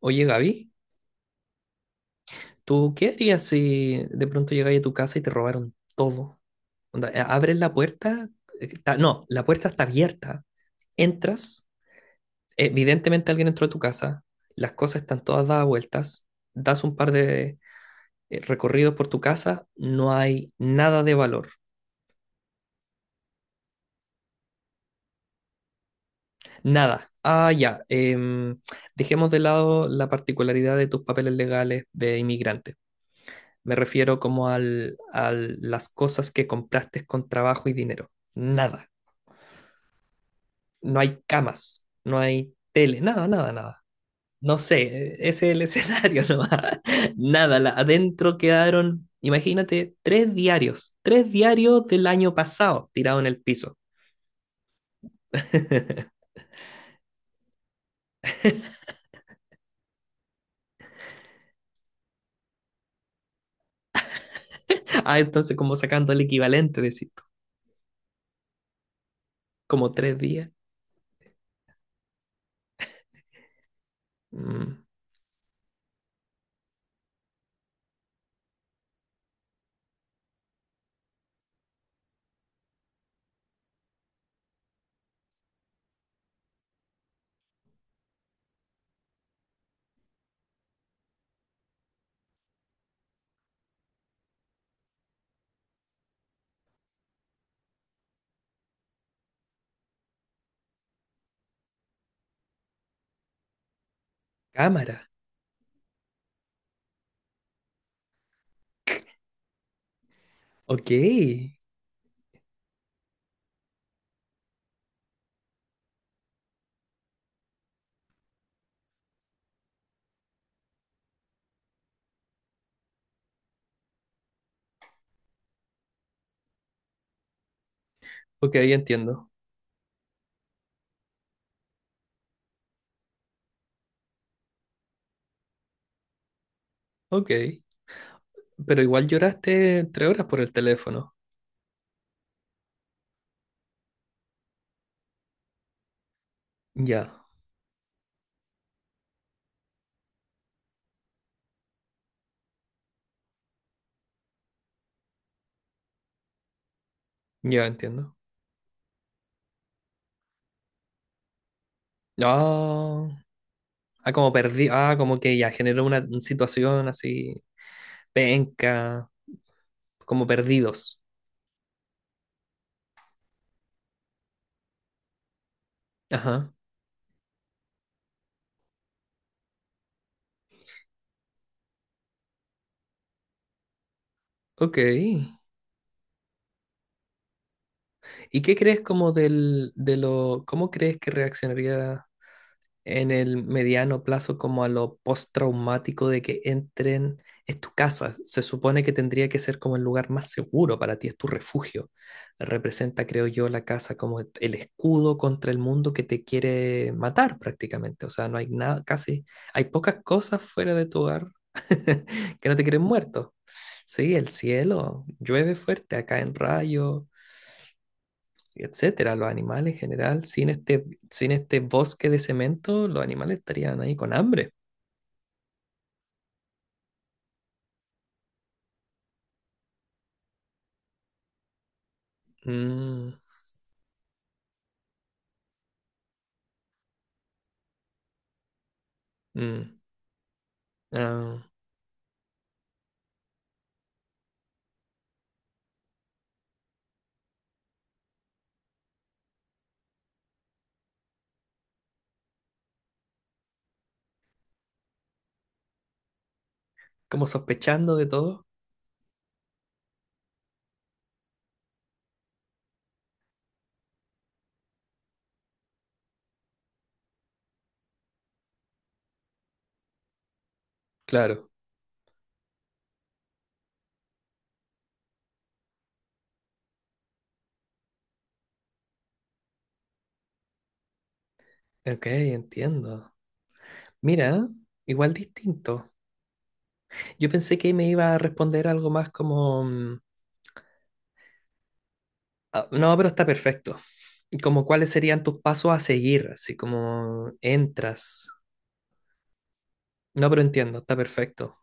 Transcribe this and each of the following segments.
Oye, Gaby, ¿tú qué harías si de pronto llegáis a tu casa y te robaron todo? Onda, abres la puerta, no, la puerta está abierta, entras, evidentemente alguien entró a tu casa, las cosas están todas dadas vueltas, das un par de recorridos por tu casa, no hay nada de valor, nada. Ah, ya, dejemos de lado la particularidad de tus papeles legales de inmigrante. Me refiero como a las cosas que compraste con trabajo y dinero. Nada. No hay camas, no hay tele, nada, nada, nada. No sé, ese es el escenario nomás. Nada, adentro quedaron, imagínate, 3 diarios, 3 diarios del año pasado tirados en el piso. Ah, entonces como sacando el equivalente, decís tú, como 3 días. Mm, cámara. Ok, ok, entiendo. Ok, pero igual lloraste 3 horas por el teléfono. Ya, ya entiendo. Ah, ah, como perdí, ah, como que ya generó una situación así, penca, como perdidos. Ajá, ok. ¿Y qué crees como de lo, cómo crees que reaccionaría en el mediano plazo como a lo postraumático de que entren? Es tu casa, se supone que tendría que ser como el lugar más seguro para ti, es tu refugio. Representa, creo yo, la casa como el escudo contra el mundo que te quiere matar prácticamente. O sea, no hay nada, casi, hay pocas cosas fuera de tu hogar que no te quieren muerto. Sí, el cielo llueve fuerte acá en Rayo, etcétera. Los animales en general, sin este bosque de cemento, los animales estarían ahí con hambre. Mm, mm, ah, como sospechando de todo. Claro, ok, entiendo. Mira, igual distinto. Yo pensé que me iba a responder algo más como, ah, no, pero está perfecto. Como cuáles serían tus pasos a seguir, así como entras. No, pero entiendo, está perfecto.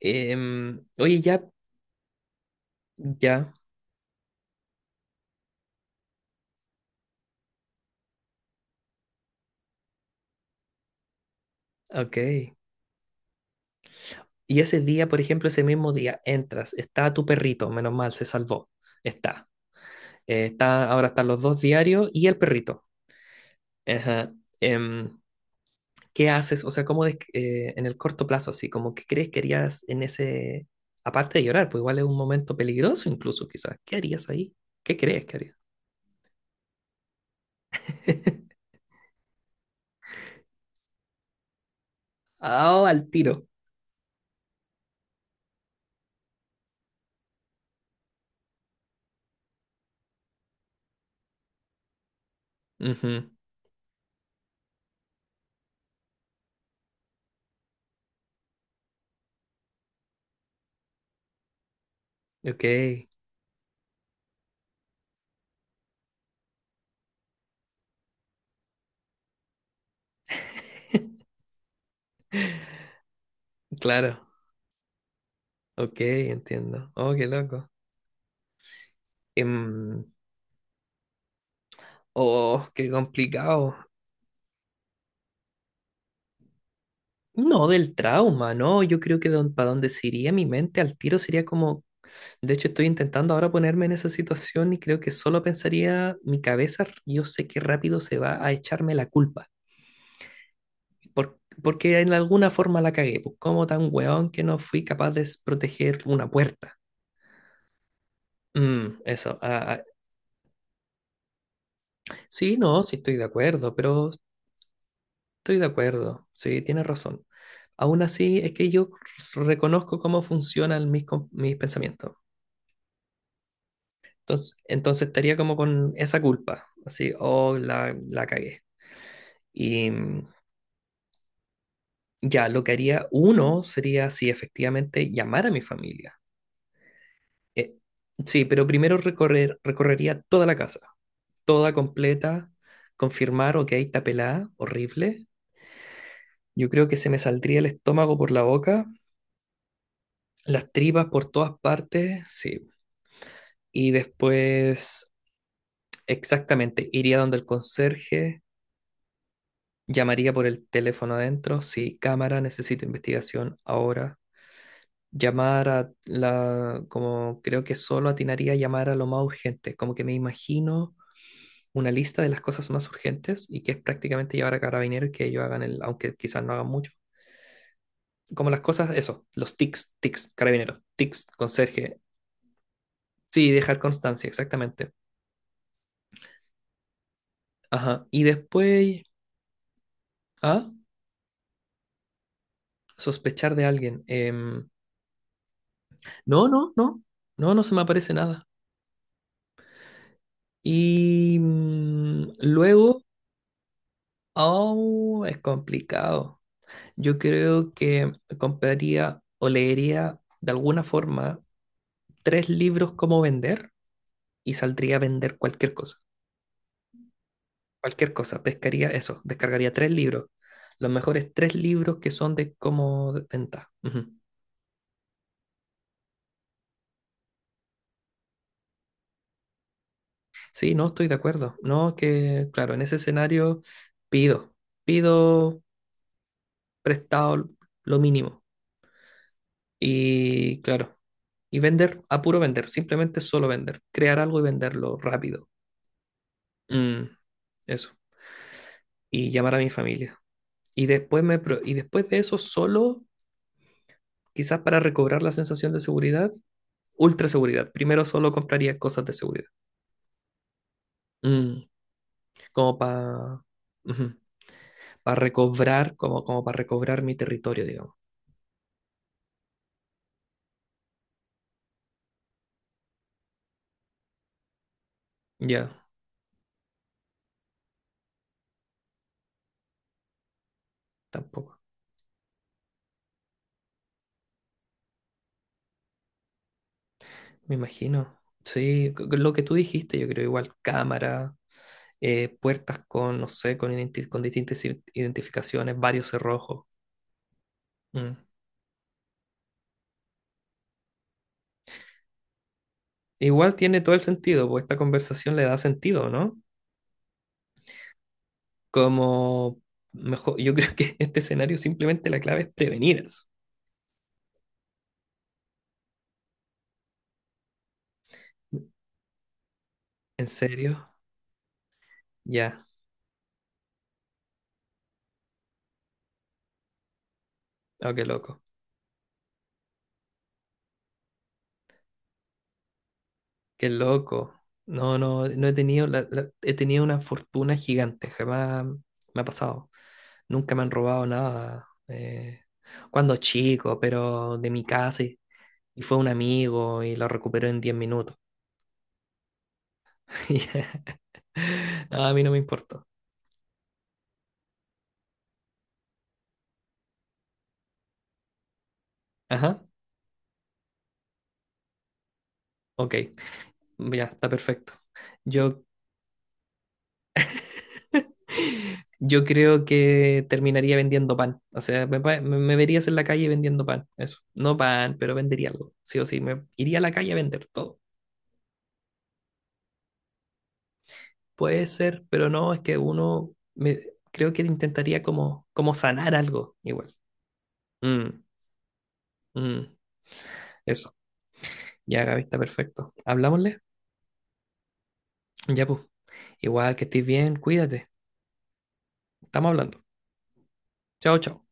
Oye, ya, ya, ok. Y ese día, por ejemplo, ese mismo día, entras, está tu perrito, menos mal, se salvó, está. Está ahora están los dos diarios y el perrito. Ajá. Em, ¿qué haces? O sea, ¿cómo en el corto plazo, así como que crees que harías en ese, aparte de llorar? Pues igual es un momento peligroso incluso, quizás. ¿Qué harías ahí? ¿Qué crees que harías? Ah, al tiro. Ujú. Ok, claro. Ok, entiendo. Oh, qué loco. Em, oh, qué complicado. No, del trauma, ¿no? Yo creo que para donde se iría mi mente al tiro sería como, de hecho estoy intentando ahora ponerme en esa situación y creo que solo pensaría mi cabeza, yo sé que rápido se va a echarme la culpa, porque en alguna forma la cagué, pues como tan weón que no fui capaz de proteger una puerta. Mm, eso, ah, ah. Sí, no, sí estoy de acuerdo, pero estoy de acuerdo, sí, tienes razón. Aún así, es que yo reconozco cómo funcionan mis, mis pensamientos. Entonces estaría como con esa culpa, así, oh, la cagué. Y ya, lo que haría uno sería, sí, efectivamente, llamar a mi familia. Eh, sí, pero primero recorrer, recorrería toda la casa, toda completa, confirmar, ok, está pelada, horrible. Yo creo que se me saldría el estómago por la boca, las tripas por todas partes, sí. Y después, exactamente, iría donde el conserje. Llamaría por el teléfono adentro. Sí, cámara, necesito investigación ahora. Llamar a la, como creo que solo atinaría a llamar a lo más urgente. Como que me imagino una lista de las cosas más urgentes y que es prácticamente llevar a carabineros y que ellos hagan el, aunque quizás no hagan mucho. Como las cosas, eso, los tics, tics, carabineros, tics, conserje. Sí, dejar constancia, exactamente. Ajá. Y después, ah, sospechar de alguien. No, no, no, no se me aparece nada. Y luego, oh, es complicado. Yo creo que compraría o leería de alguna forma 3 libros como vender y saldría a vender cualquier cosa. Cualquier cosa, pescaría eso, descargaría 3 libros. Los mejores 3 libros que son de cómo de venta. Ujú. Sí, no estoy de acuerdo. No, que claro, en ese escenario pido, pido prestado lo mínimo. Y claro. Y vender, a puro vender, simplemente solo vender. Crear algo y venderlo rápido. Mm, eso. Y llamar a mi familia. Y después, y después de eso, solo, quizás para recobrar la sensación de seguridad, ultra seguridad. Primero solo compraría cosas de seguridad. Mm, como para... Para recobrar, como, como para recobrar mi territorio, digamos. Ya, tampoco. Me imagino. Sí, lo que tú dijiste, yo creo igual. Cámara, puertas con, no sé, con, con distintas identificaciones, varios cerrojos. Mm. Igual tiene todo el sentido, pues esta conversación le da sentido, ¿no? Como mejor, yo creo que en este escenario simplemente la clave es prevenir eso. ¿En serio? Ya. Oh, qué loco. Qué loco. No, no, no he tenido, he tenido una fortuna gigante. Jamás me ha pasado. Nunca me han robado nada. Cuando chico, pero de mi casa. Y fue un amigo y lo recuperó en 10 minutos. Y, a mí no me importó. Ajá, ok, ya, está perfecto. Yo, yo creo que terminaría vendiendo pan. O sea, me verías en la calle vendiendo pan. Eso. No pan, pero vendería algo. Sí o sí, me iría a la calle a vender todo. Puede ser, pero no, es que creo que intentaría como, como sanar algo igual. Mm, mm, eso. Ya, Gaby, está perfecto. ¿Hablámosle? Ya, pues. Igual que estés bien, cuídate. Estamos hablando. Chao, chao.